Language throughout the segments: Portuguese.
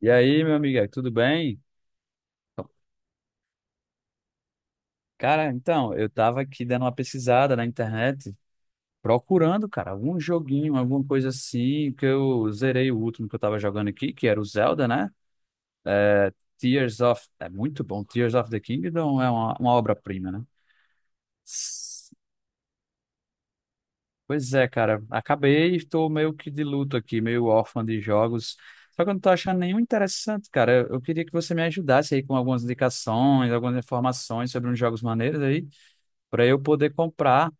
E aí, meu amigo, tudo bem? Cara, então, eu tava aqui dando uma pesquisada na internet, procurando, cara, algum joguinho, alguma coisa assim, que eu zerei o último que eu tava jogando aqui, que era o Zelda, né? Tears of... É muito bom, Tears of the Kingdom é uma obra-prima, né? S- Pois é, cara, acabei, e estou meio que de luto aqui, meio órfão de jogos, só que eu não tô achando nenhum interessante, cara. Eu queria que você me ajudasse aí com algumas indicações, algumas informações sobre uns jogos maneiros aí, para eu poder comprar.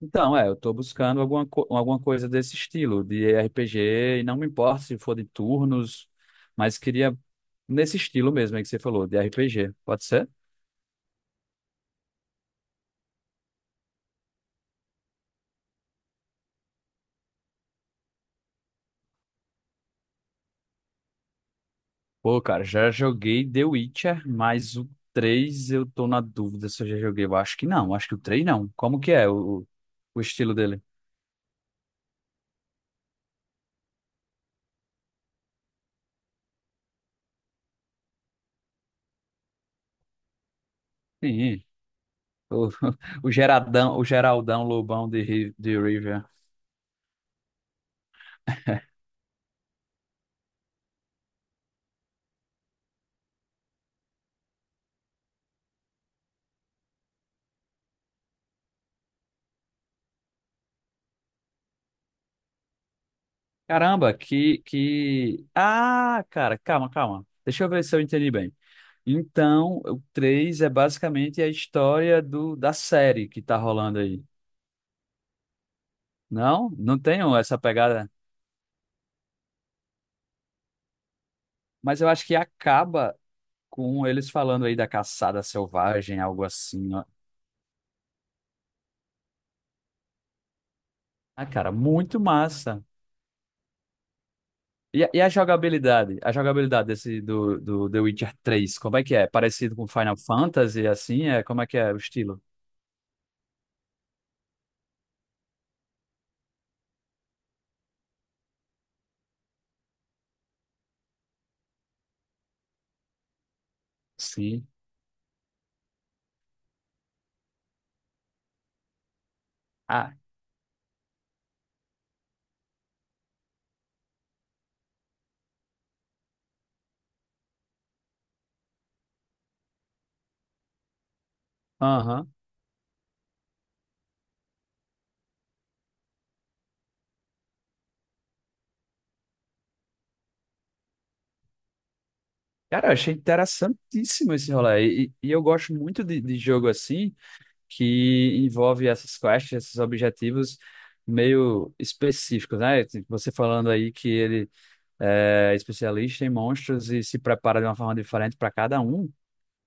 Então, é, eu tô buscando alguma coisa desse estilo, de RPG, e não me importa se for de turnos, mas queria nesse estilo mesmo aí que você falou, de RPG. Pode ser? Pô, cara, já joguei The Witcher, mas o 3 eu tô na dúvida se eu já joguei. Eu acho que não, acho que o 3 não. Como que é o estilo dele? Sim, o, o Geraldão Lobão de Rivia. Caramba, Ah, cara, calma, calma. Deixa eu ver se eu entendi bem. Então, o 3 é basicamente a história do, da série que tá rolando aí. Não? Não tenho essa pegada. Mas eu acho que acaba com eles falando aí da caçada selvagem, algo assim. Ó. Ah, cara, muito massa. E a jogabilidade? A jogabilidade desse do The Witcher 3, como é que é? Parecido com Final Fantasy, assim? É, como é que é o estilo? Sim. Ah, aham. Cara, eu achei interessantíssimo esse rolê. E eu gosto muito de jogo assim que envolve essas quests, esses objetivos meio específicos, né? Tipo, você falando aí que ele é especialista em monstros e se prepara de uma forma diferente para cada um.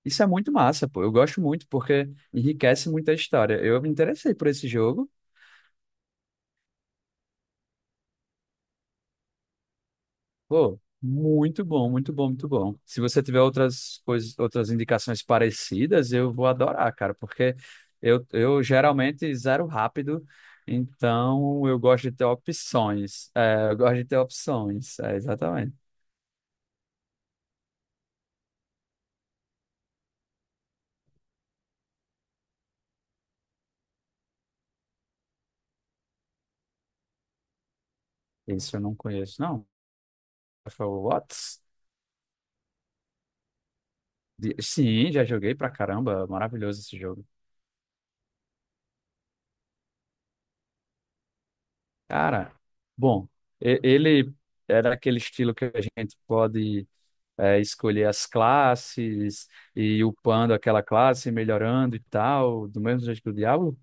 Isso é muito massa, pô. Eu gosto muito porque enriquece muito a história. Eu me interessei por esse jogo. Pô, muito bom, muito bom, muito bom. Se você tiver outras coisas, outras indicações parecidas, eu vou adorar, cara, porque eu geralmente zero rápido, então eu gosto de ter opções. É, eu gosto de ter opções, é, exatamente. Isso eu não conheço, não. Foi o Whats? Sim, já joguei pra caramba, maravilhoso esse jogo. Cara, bom, ele é daquele estilo que a gente pode, é, escolher as classes e ir upando aquela classe, melhorando e tal, do mesmo jeito que o Diablo.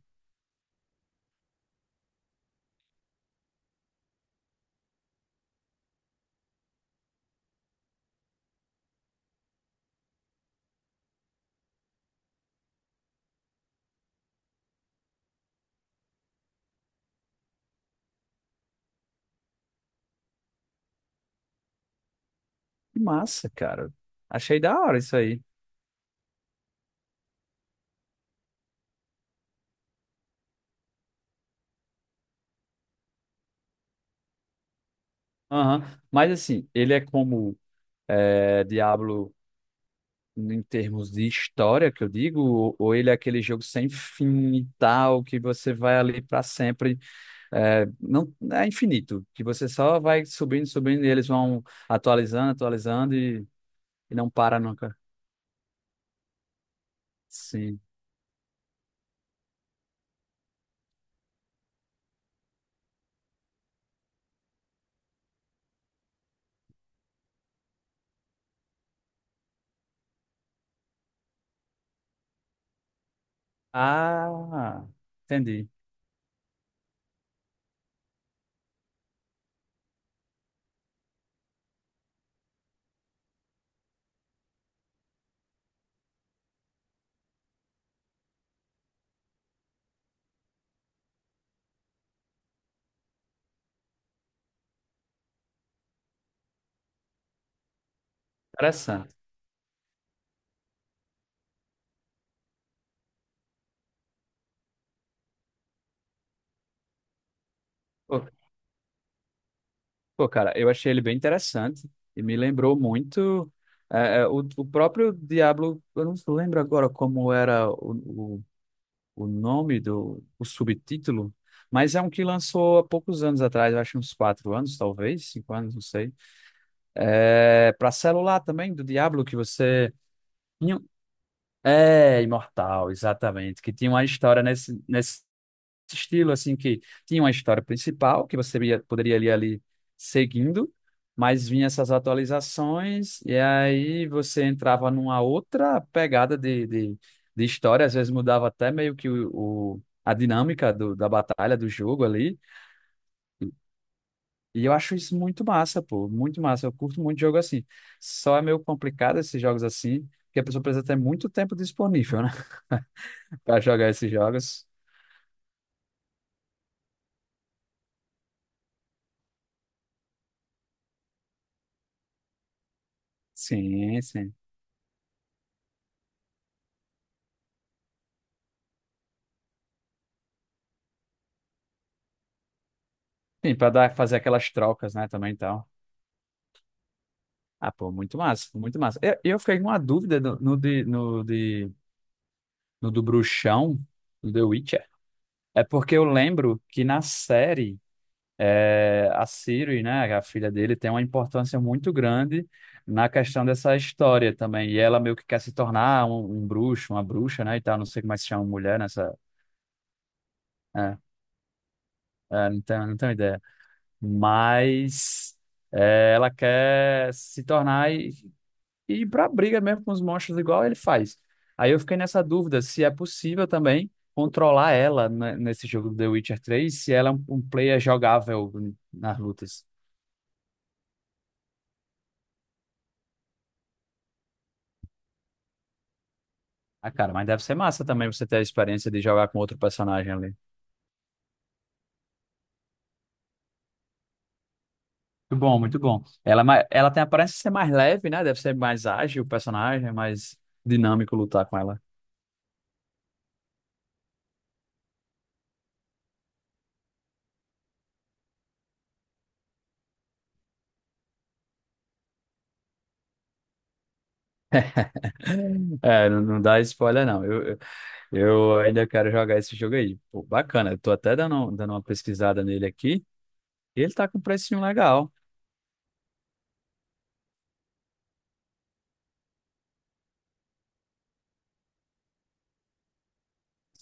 Que massa, cara. Achei da hora isso aí. Aham. Mas assim, ele é como é, Diablo em termos de história, que eu digo, ou ele é aquele jogo sem fim e tal, que você vai ali para sempre, é, não é infinito, que você só vai subindo, subindo, e eles vão atualizando, atualizando e não para nunca. Sim. Ah, entendi. Interessante. Pô, pô, cara, eu achei ele bem interessante e me lembrou muito o próprio Diablo. Eu não lembro agora como era o nome do o subtítulo, mas é um que lançou há poucos anos atrás, eu acho uns 4 anos, talvez, 5 anos, não sei. É, para celular também, do Diablo, que você tinha- é, Imortal, exatamente, que tinha uma história nesse estilo assim que tinha uma história principal que você poderia ir ali seguindo, mas vinha essas atualizações e aí você entrava numa outra pegada de história, às vezes mudava até meio que a dinâmica do, da batalha, do jogo ali, e eu acho isso muito massa, pô, muito massa, eu curto muito jogo assim, só é meio complicado esses jogos assim, porque a pessoa precisa ter muito tempo disponível, né, para jogar esses jogos, sim, sim. Sim, para dar, fazer aquelas trocas, né, também, então. Ah, pô, muito massa, muito massa. Eu fiquei com uma dúvida no do bruxão, do The Witcher. É porque eu lembro que na série, é, a Ciri, né, a filha dele, tem uma importância muito grande na questão dessa história também. E ela meio que quer se tornar um bruxo, uma bruxa, né, e tal. Não sei como é que se chama mulher nessa... É, não tenho, não tenho ideia. Mas... é, ela quer se tornar e ir pra briga mesmo com os monstros igual ele faz. Aí eu fiquei nessa dúvida se é possível também controlar ela nesse jogo do The Witcher três se ela é um player jogável nas lutas. Ah, cara, mas deve ser massa também você ter a experiência de jogar com outro personagem ali. Muito bom, muito bom. Ela, ela tem a aparência de ser mais leve, né? Deve ser mais ágil o personagem, mais dinâmico lutar com ela. É, não, não dá spoiler, não. Eu ainda quero jogar esse jogo aí. Pô, bacana, eu tô até dando, dando uma pesquisada nele aqui. Ele tá com um precinho legal.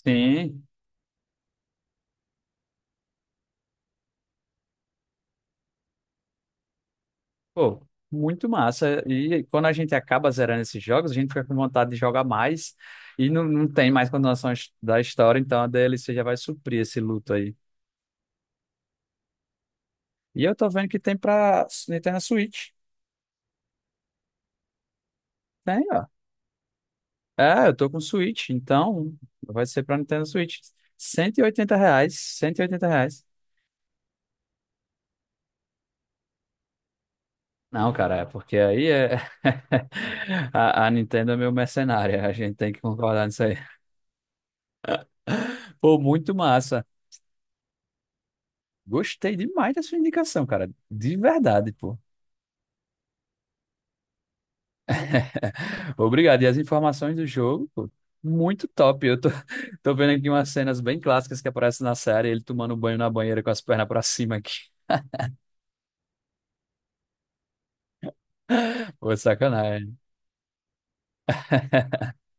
Sim. Pô, muito massa. E quando a gente acaba zerando esses jogos, a gente fica com vontade de jogar mais. E não, não tem mais continuação da história, então a DLC já vai suprir esse luto aí. E eu tô vendo que tem Nintendo Switch. Tem, ó. É, eu tô com Switch, então vai ser pra Nintendo Switch. R$ 180, R$ 180. Não, cara, é porque aí é... a Nintendo é meio mercenária, a gente tem que concordar nisso aí. Pô, muito massa. Gostei demais da sua indicação, cara. De verdade, pô. Obrigado. E as informações do jogo, pô, muito top. Eu tô, tô vendo aqui umas cenas bem clássicas que aparecem na série, ele tomando um banho na banheira com as pernas pra cima aqui. Pô, sacanagem.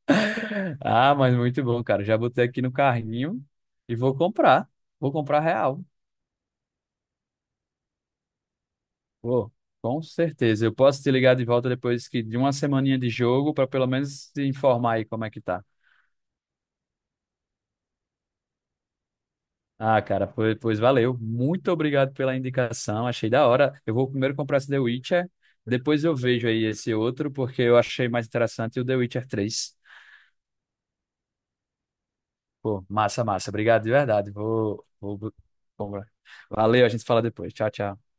Ah, mas muito bom, cara. Já botei aqui no carrinho e vou comprar. Vou comprar real. Pô, com certeza. Eu posso te ligar de volta depois que de uma semaninha de jogo pra pelo menos te informar aí como é que tá. Ah, cara, pois, pois valeu. Muito obrigado pela indicação. Achei da hora. Eu vou primeiro comprar esse The Witcher, depois eu vejo aí esse outro, porque eu achei mais interessante o The Witcher 3. Pô, massa, massa. Obrigado de verdade. Vou comprar. Valeu, a gente fala depois. Tchau, tchau.